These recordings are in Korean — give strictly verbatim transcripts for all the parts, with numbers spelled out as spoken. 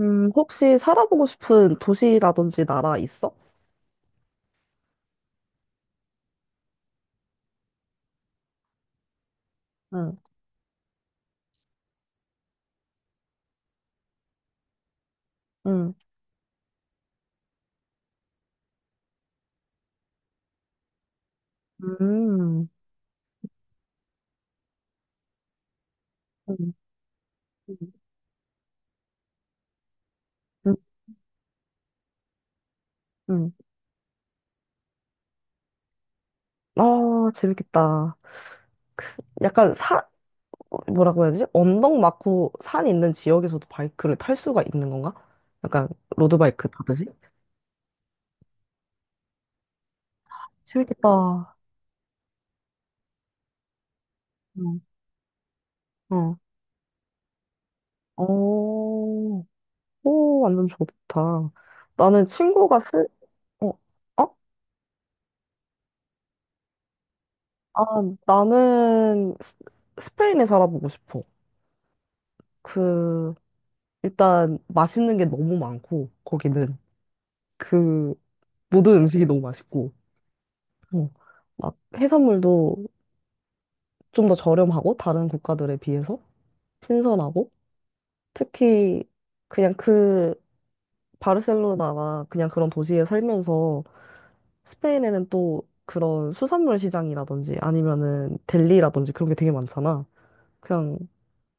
음, 혹시 살아보고 싶은 도시라든지 나라 있어? 응, 응, 음, 응, 응, 응. 아, 재밌겠다. 약간 사, 뭐라고 해야 되지? 언덕 많고 산 있는 지역에서도 바이크를 탈 수가 있는 건가? 약간 로드바이크 타듯이? 재밌겠다. 응. 어, 오, 오, 완전 좋다. 나는 친구가 스, 어, 어? 아, 나는 스, 스페인에 살아보고 싶어. 그, 일단 맛있는 게 너무 많고 거기는 그 모든 음식이 너무 맛있고 어, 막 해산물도 좀 더 저렴하고 다른 국가들에 비해서 신선하고 특히 그냥 그 바르셀로나나 그냥 그런 도시에 살면서 스페인에는 또 그런 수산물 시장이라든지 아니면은 델리라든지 그런 게 되게 많잖아. 그냥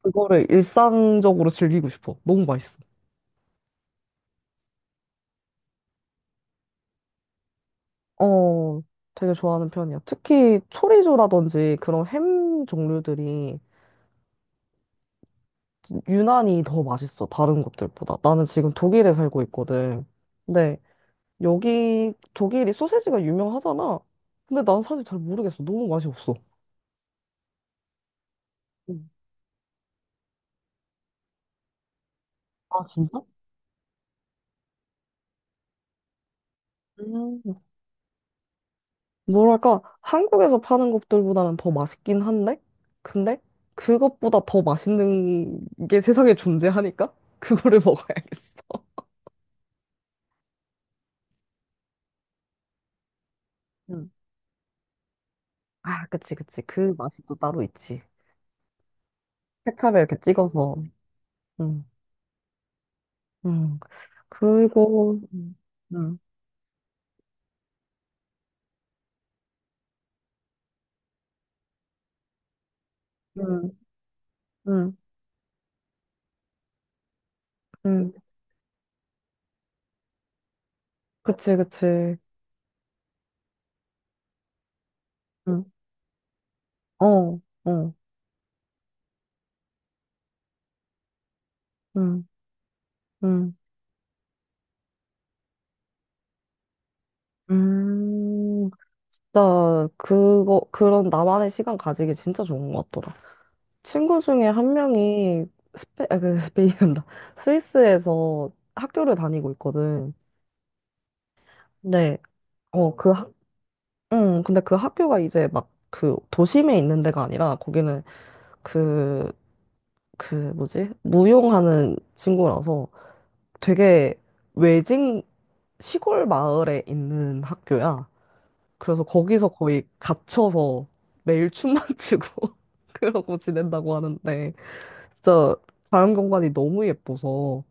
그거를 일상적으로 즐기고 싶어. 너무 맛있어. 어, 되게 좋아하는 편이야. 특히 초리조라든지 그런 햄 종류들이 유난히 더 맛있어. 다른 것들보다. 나는 지금 독일에 살고 있거든. 근데 여기 독일이 소세지가 유명하잖아. 근데 난 사실 잘 모르겠어. 너무 맛이 없어. 음. 아, 진짜? 음. 뭐랄까, 한국에서 파는 것들보다는 더 맛있긴 한데? 근데 그것보다 더 맛있는 게 세상에 존재하니까 그거를 먹어야겠어. 아, 그치, 그치. 그 맛이 또 따로 있지. 케찹에 이렇게 찍어서. 응, 응. 그리고, 응, 응, 응, 응. 응. 그치, 그치. 응, 어, 어, 응, 응. 음, 진짜, 그거, 그런 나만의 시간 가지기 진짜 좋은 것 같더라. 친구 중에 한 명이 스페, 아, 그, 스페인이란다. 스위스에서 학교를 다니고 있거든. 네, 어, 그 음, 근데 그 학교가 이제 막 그 도심에 있는 데가 아니라 거기는 그, 그 뭐지? 무용하는 친구라서 되게 외진 시골 마을에 있는 학교야. 그래서 거기서 거의 갇혀서 매일 춤만 추고 그러고 지낸다고 하는데 진짜 자연경관이 너무 예뻐서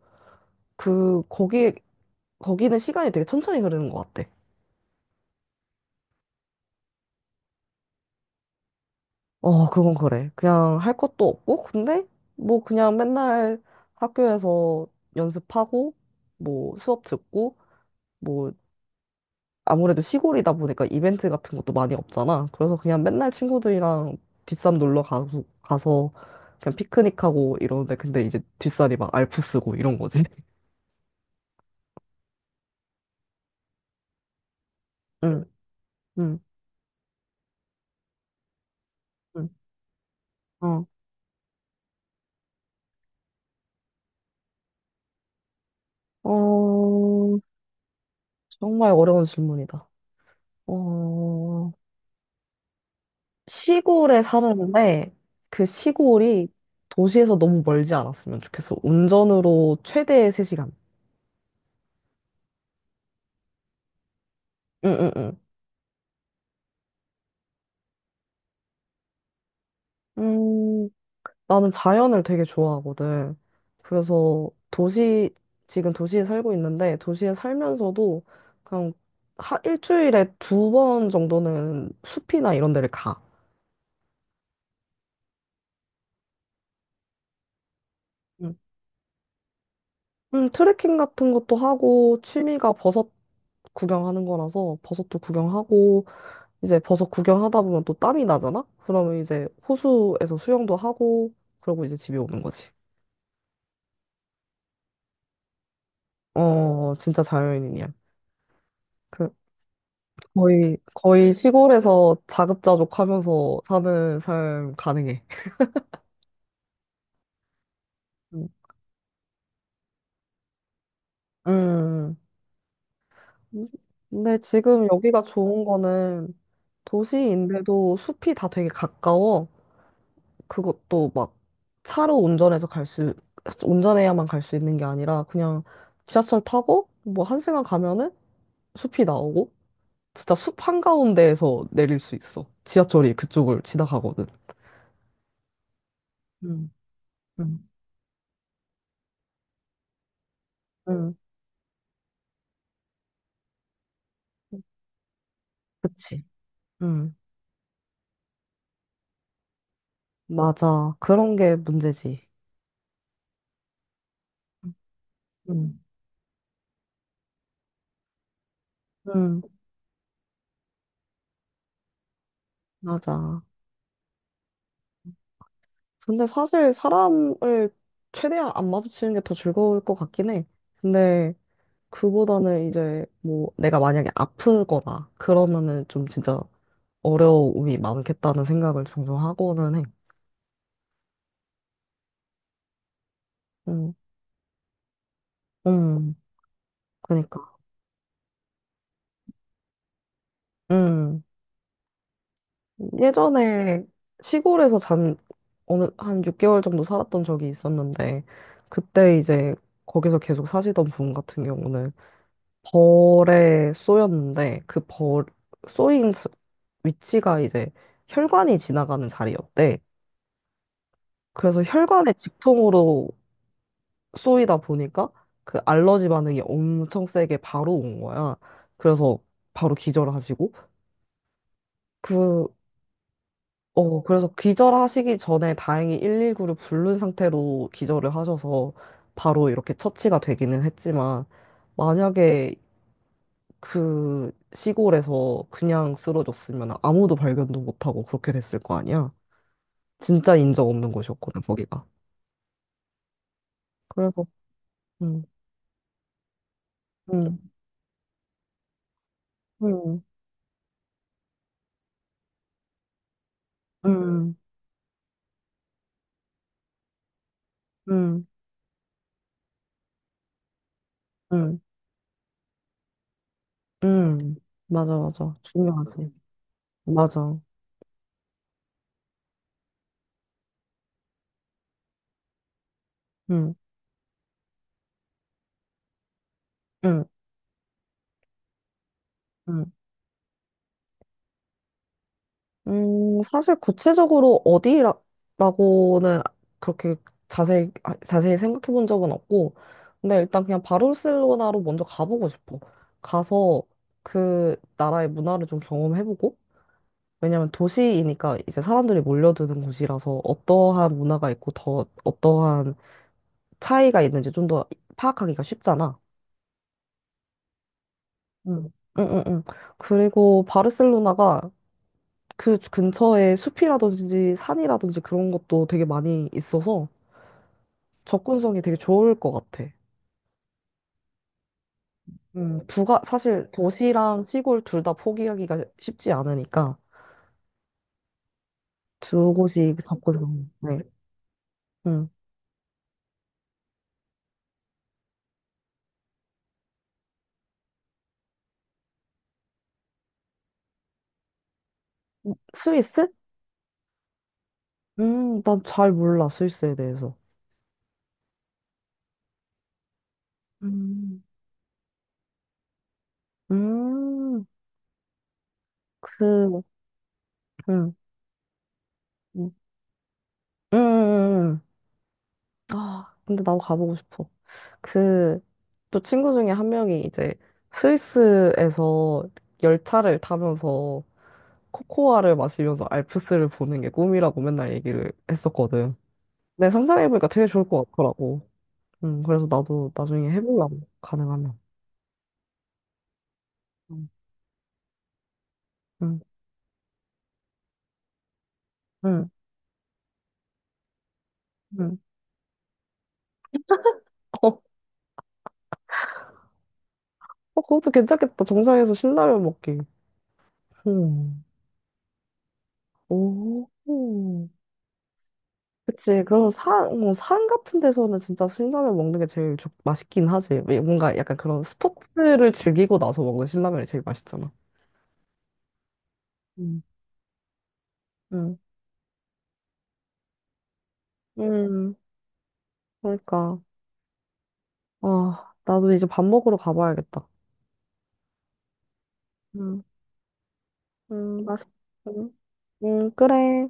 그 거기 거기는 시간이 되게 천천히 흐르는 것 같아. 어, 그건 그래. 그냥 할 것도 없고, 근데 뭐 그냥 맨날 학교에서 연습하고, 뭐 수업 듣고, 뭐 아무래도 시골이다 보니까 이벤트 같은 것도 많이 없잖아. 그래서 그냥 맨날 친구들이랑 뒷산 놀러 가서, 가서 그냥 피크닉하고 이러는데, 근데 이제 뒷산이 막 알프스고 이런 거지. 응, 응, 응. 어, 어, 정말 어려운 질문이다. 어, 시골에 사는데 그 시골이 도시에서 너무 멀지 않았으면 좋겠어. 운전으로 최대 세 시간. 응, 응, 응. 음, 나는 자연을 되게 좋아하거든. 그래서 도시, 지금 도시에 살고 있는데 도시에 살면서도 그냥 하, 일주일에 두 번 정도는 숲이나 이런 데를 가. 응. 음, 트레킹 같은 것도 하고 취미가 버섯 구경하는 거라서 버섯도 구경하고 이제 버섯 구경하다 보면 또 땀이 나잖아? 그러면 이제 호수에서 수영도 하고, 그러고 이제 집에 오는 거지. 어, 진짜 자연인이야. 그, 거의, 거의 시골에서 자급자족하면서 사는 삶 가능해. 음. 음. 근데 지금 여기가 좋은 거는 도시인데도 숲이 다 되게 가까워. 그것도 막 차로 운전해서 갈 수, 운전해야만 갈 수 있는 게 아니라 그냥 지하철 타고 뭐 한 시간 가면은 숲이 나오고 진짜 숲 한가운데에서 내릴 수 있어. 지하철이 그쪽을 지나가거든. 응, 응, 응, 그치. 응, 맞아. 그런 게 문제지. 응, 응, 맞아. 근데 사실 사람을 최대한 안 마주치는 게 더 즐거울 것 같긴 해. 근데 그보다는 이제 뭐 내가 만약에 아프거나 그러면은 좀 진짜 어려움이 많겠다는 생각을 종종 하고는 해. 응, 응, 그니까. 응. 예전에 시골에서 잠 어느 한 육 개월 정도 살았던 적이 있었는데 그때 이제 거기서 계속 사시던 분 같은 경우는 벌에 쏘였는데 그 벌 쏘인 자- 위치가 이제 혈관이 지나가는 자리였대. 그래서 혈관에 직통으로 쏘이다 보니까 그 알러지 반응이 엄청 세게 바로 온 거야. 그래서 바로 기절하시고 그 어, 그래서 기절하시기 전에 다행히 일일구를 부른 상태로 기절을 하셔서 바로 이렇게 처치가 되기는 했지만, 만약에 그 시골에서 그냥 쓰러졌으면 아무도 발견도 못하고 그렇게 됐을 거 아니야? 진짜 인적 없는 곳이었거든, 거기가. 그래서, 음, 음, 음, 음, 음, 음, 음. 맞아, 맞아. 중요하지. 맞아. 음, 음, 음. 음, 사실 구체적으로 어디라고는 그렇게 자세히, 아, 자세히 생각해 본 적은 없고, 근데 일단 그냥 바르셀로나로 먼저 가보고 싶어. 가서 그 나라의 문화를 좀 경험해보고, 왜냐면 도시이니까 이제 사람들이 몰려드는 곳이라서 어떠한 문화가 있고 더 어떠한 차이가 있는지 좀 더 파악하기가 쉽잖아. 응. 응응응. 그리고 바르셀로나가 그 근처에 숲이라든지 산이라든지 그런 것도 되게 많이 있어서 접근성이 되게 좋을 것 같아. 음, 두가, 사실 도시랑 시골 둘 다 포기하기가 쉽지 않으니까 두 곳이 접근성. 네. 음. 스위스? 음, 난 잘 몰라, 스위스에 대해서. 음. 음, 그, 음, 음, 음, 음. 음. 아, 근데 나도 가보고 싶어. 그, 또 친구 중에 한 명이 이제 스위스에서 열차를 타면서 코코아를 마시면서 알프스를 보는 게 꿈이라고 맨날 얘기를 했었거든. 내 상상해보니까 되게 좋을 것 같더라고. 음, 그래서 나도 나중에 해보려고, 가능하면. 응, 응, 응. 응. 어, 어, 그것도 괜찮겠다. 정상에서 신라면 먹기. 음. 오. 그치. 그럼 산, 뭐, 산 같은 데서는 진짜 신라면 먹는 게 제일 좋- 맛있긴 하지. 왜 뭔가 약간 그런 스포츠를 즐기고 나서 먹는 신라면이 제일 맛있잖아. 음. 응. 음, 그러니까. 아, 나도 이제 밥 먹으러 가봐야겠다. 음, 음, 맛있, 음. 응, 그래.